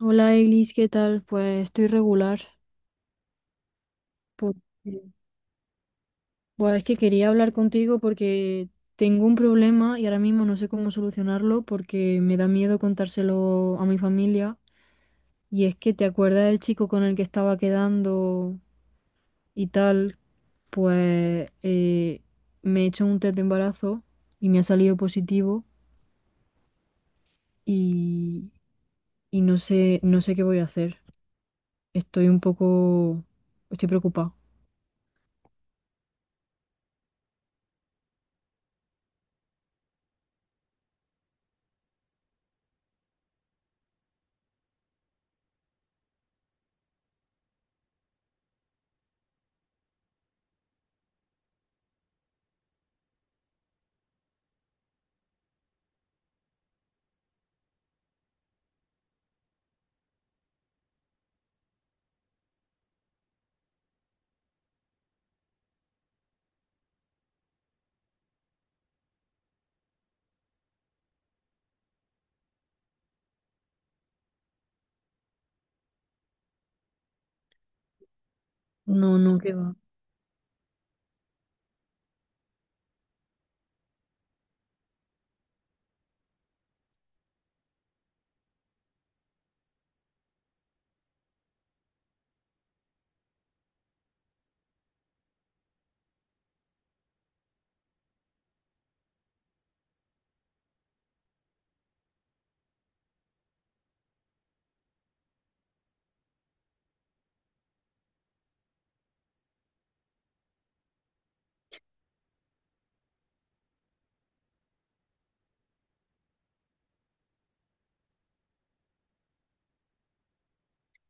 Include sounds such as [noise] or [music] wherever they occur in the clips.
Hola Eglis, ¿qué tal? Pues estoy regular porque pues es que quería hablar contigo porque tengo un problema y ahora mismo no sé cómo solucionarlo porque me da miedo contárselo a mi familia, y es que te acuerdas del chico con el que estaba quedando y tal. Pues me he hecho un test de embarazo y me ha salido positivo y, y no sé, no sé qué voy a hacer. Estoy un poco, estoy preocupada. No, no, que va.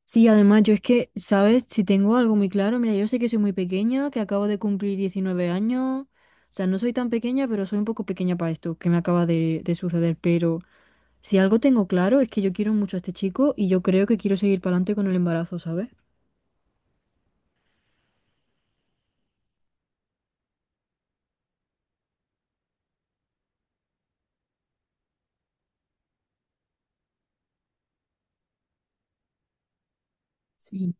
Sí, además yo es que, ¿sabes? Si tengo algo muy claro, mira, yo sé que soy muy pequeña, que acabo de cumplir 19 años. O sea, no soy tan pequeña, pero soy un poco pequeña para esto que me acaba de suceder. Pero si algo tengo claro es que yo quiero mucho a este chico, y yo creo que quiero seguir para adelante con el embarazo, ¿sabes? Sí,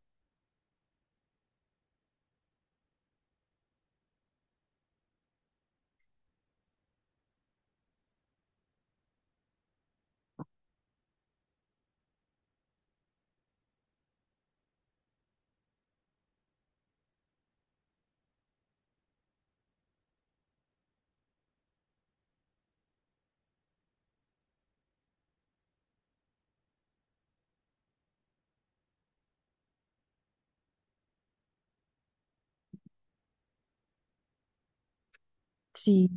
sí.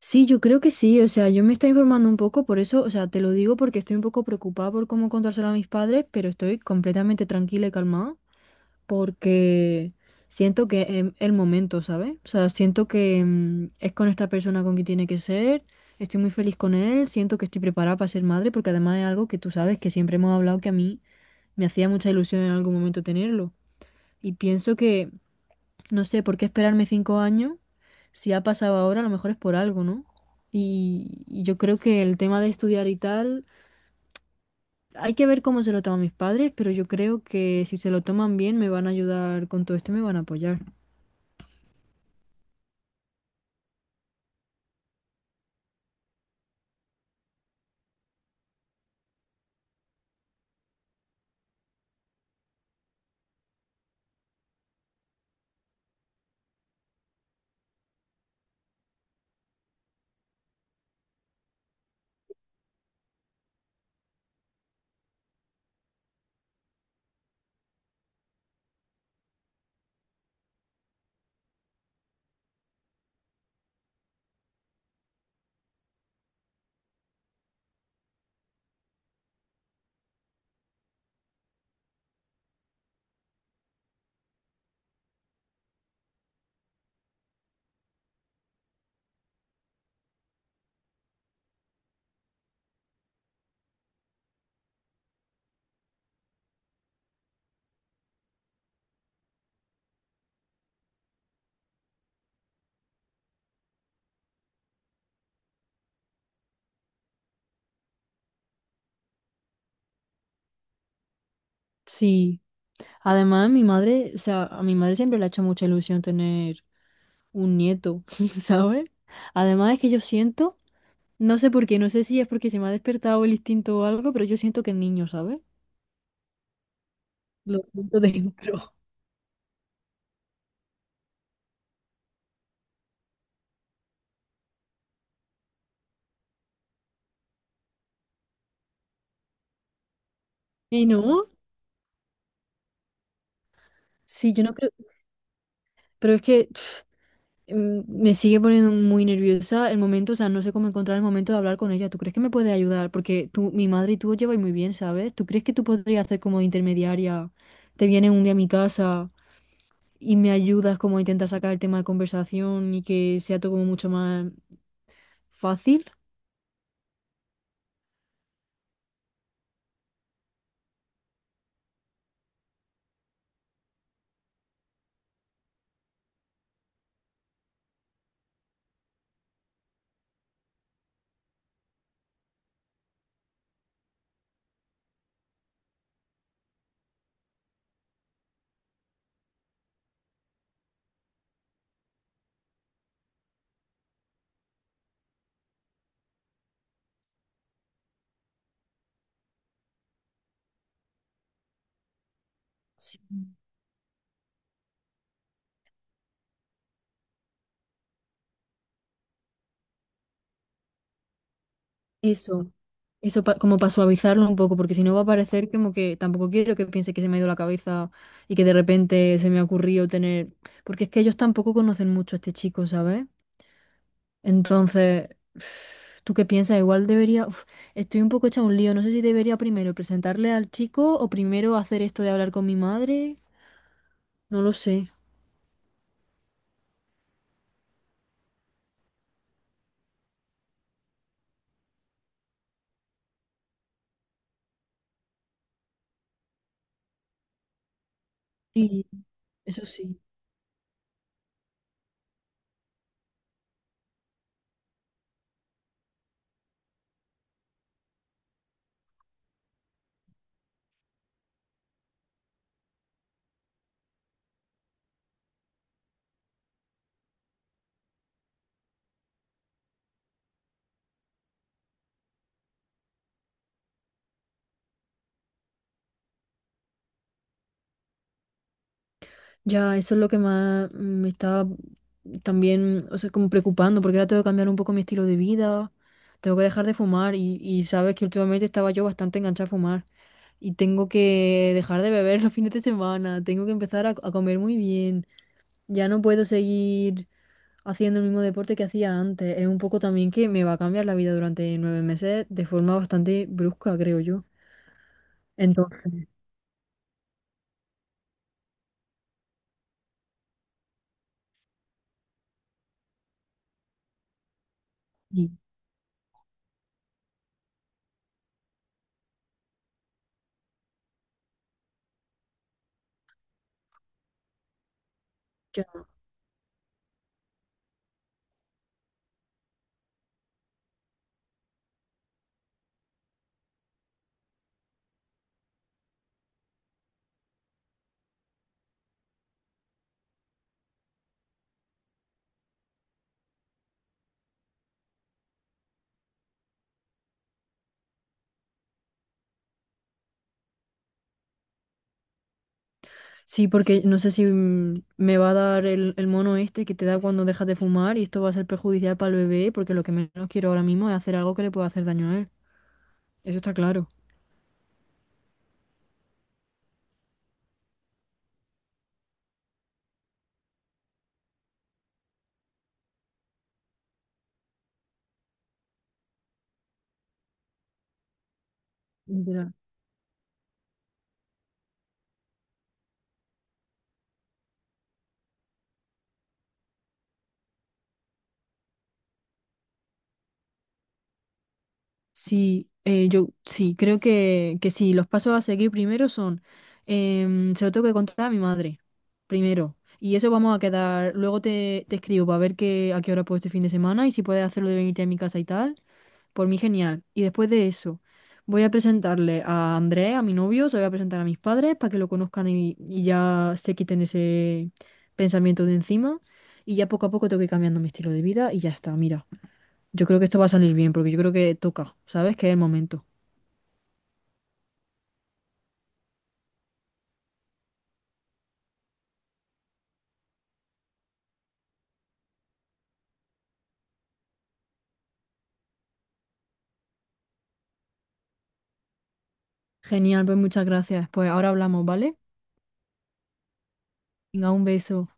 Sí, yo creo que sí. O sea, yo me estoy informando un poco, por eso, o sea, te lo digo porque estoy un poco preocupada por cómo contárselo a mis padres, pero estoy completamente tranquila y calmada. Porque siento que es el momento, ¿sabes? O sea, siento que es con esta persona con quien tiene que ser. Estoy muy feliz con él, siento que estoy preparada para ser madre, porque además es algo que tú sabes que siempre hemos hablado, que a mí me hacía mucha ilusión en algún momento tenerlo. Y pienso que, no sé, ¿por qué esperarme 5 años? Si ha pasado ahora, a lo mejor es por algo, ¿no? Y yo creo que el tema de estudiar y tal, hay que ver cómo se lo toman mis padres, pero yo creo que si se lo toman bien, me van a ayudar con todo esto y me van a apoyar. Sí, además mi madre, o sea, a mi madre siempre le ha hecho mucha ilusión tener un nieto, [laughs] ¿sabes? Además es que yo siento, no sé por qué, no sé si es porque se me ha despertado el instinto o algo, pero yo siento que el niño, ¿sabes? Lo siento dentro. [laughs] ¿Y no? Sí, yo no creo, pero es que pf, me sigue poniendo muy nerviosa el momento. O sea, no sé cómo encontrar el momento de hablar con ella. ¿Tú crees que me puede ayudar? Porque tú, mi madre y tú os lleváis muy bien, ¿sabes? ¿Tú crees que tú podrías hacer como de intermediaria? Te vienes un día a mi casa y me ayudas como a intentar sacar el tema de conversación, y que sea todo como mucho más fácil. Sí. Eso, eso pa- como para suavizarlo un poco, porque si no va a parecer como que... tampoco quiero que piense que se me ha ido la cabeza y que de repente se me ha ocurrido tener, porque es que ellos tampoco conocen mucho a este chico, ¿sabes? Entonces, [sighs] ¿tú qué piensas? Igual debería, uf, estoy un poco hecha un lío, no sé si debería primero presentarle al chico o primero hacer esto de hablar con mi madre, no lo sé. Y eso sí. Ya, eso es lo que más me estaba también, o sea, como preocupando, porque ahora tengo que cambiar un poco mi estilo de vida, tengo que dejar de fumar y sabes que últimamente estaba yo bastante enganchada a fumar, y tengo que dejar de beber [laughs] los fines de semana, tengo que empezar a comer muy bien, ya no puedo seguir haciendo el mismo deporte que hacía antes. Es un poco también que me va a cambiar la vida durante 9 meses de forma bastante brusca, creo yo. Entonces, sí. Sí, porque no sé si me va a dar el mono este que te da cuando dejas de fumar, y esto va a ser perjudicial para el bebé, porque lo que menos quiero ahora mismo es hacer algo que le pueda hacer daño a él. Eso está claro. Literal. Sí, yo sí, creo que sí. Los pasos a seguir primero son, se lo tengo que contar a mi madre, primero. Y eso vamos a quedar. Luego te escribo para ver a qué hora puedo este fin de semana, y si puedes hacerlo de venirte a mi casa y tal. Por mí genial. Y después de eso, voy a presentarle a Andrés, a mi novio, se lo voy a presentar a mis padres para que lo conozcan, y ya se quiten ese pensamiento de encima. Y ya poco a poco tengo que ir cambiando mi estilo de vida y ya está, mira. Yo creo que esto va a salir bien, porque yo creo que toca, ¿sabes? Que es el momento. Genial, pues muchas gracias. Pues ahora hablamos, ¿vale? Venga, un beso.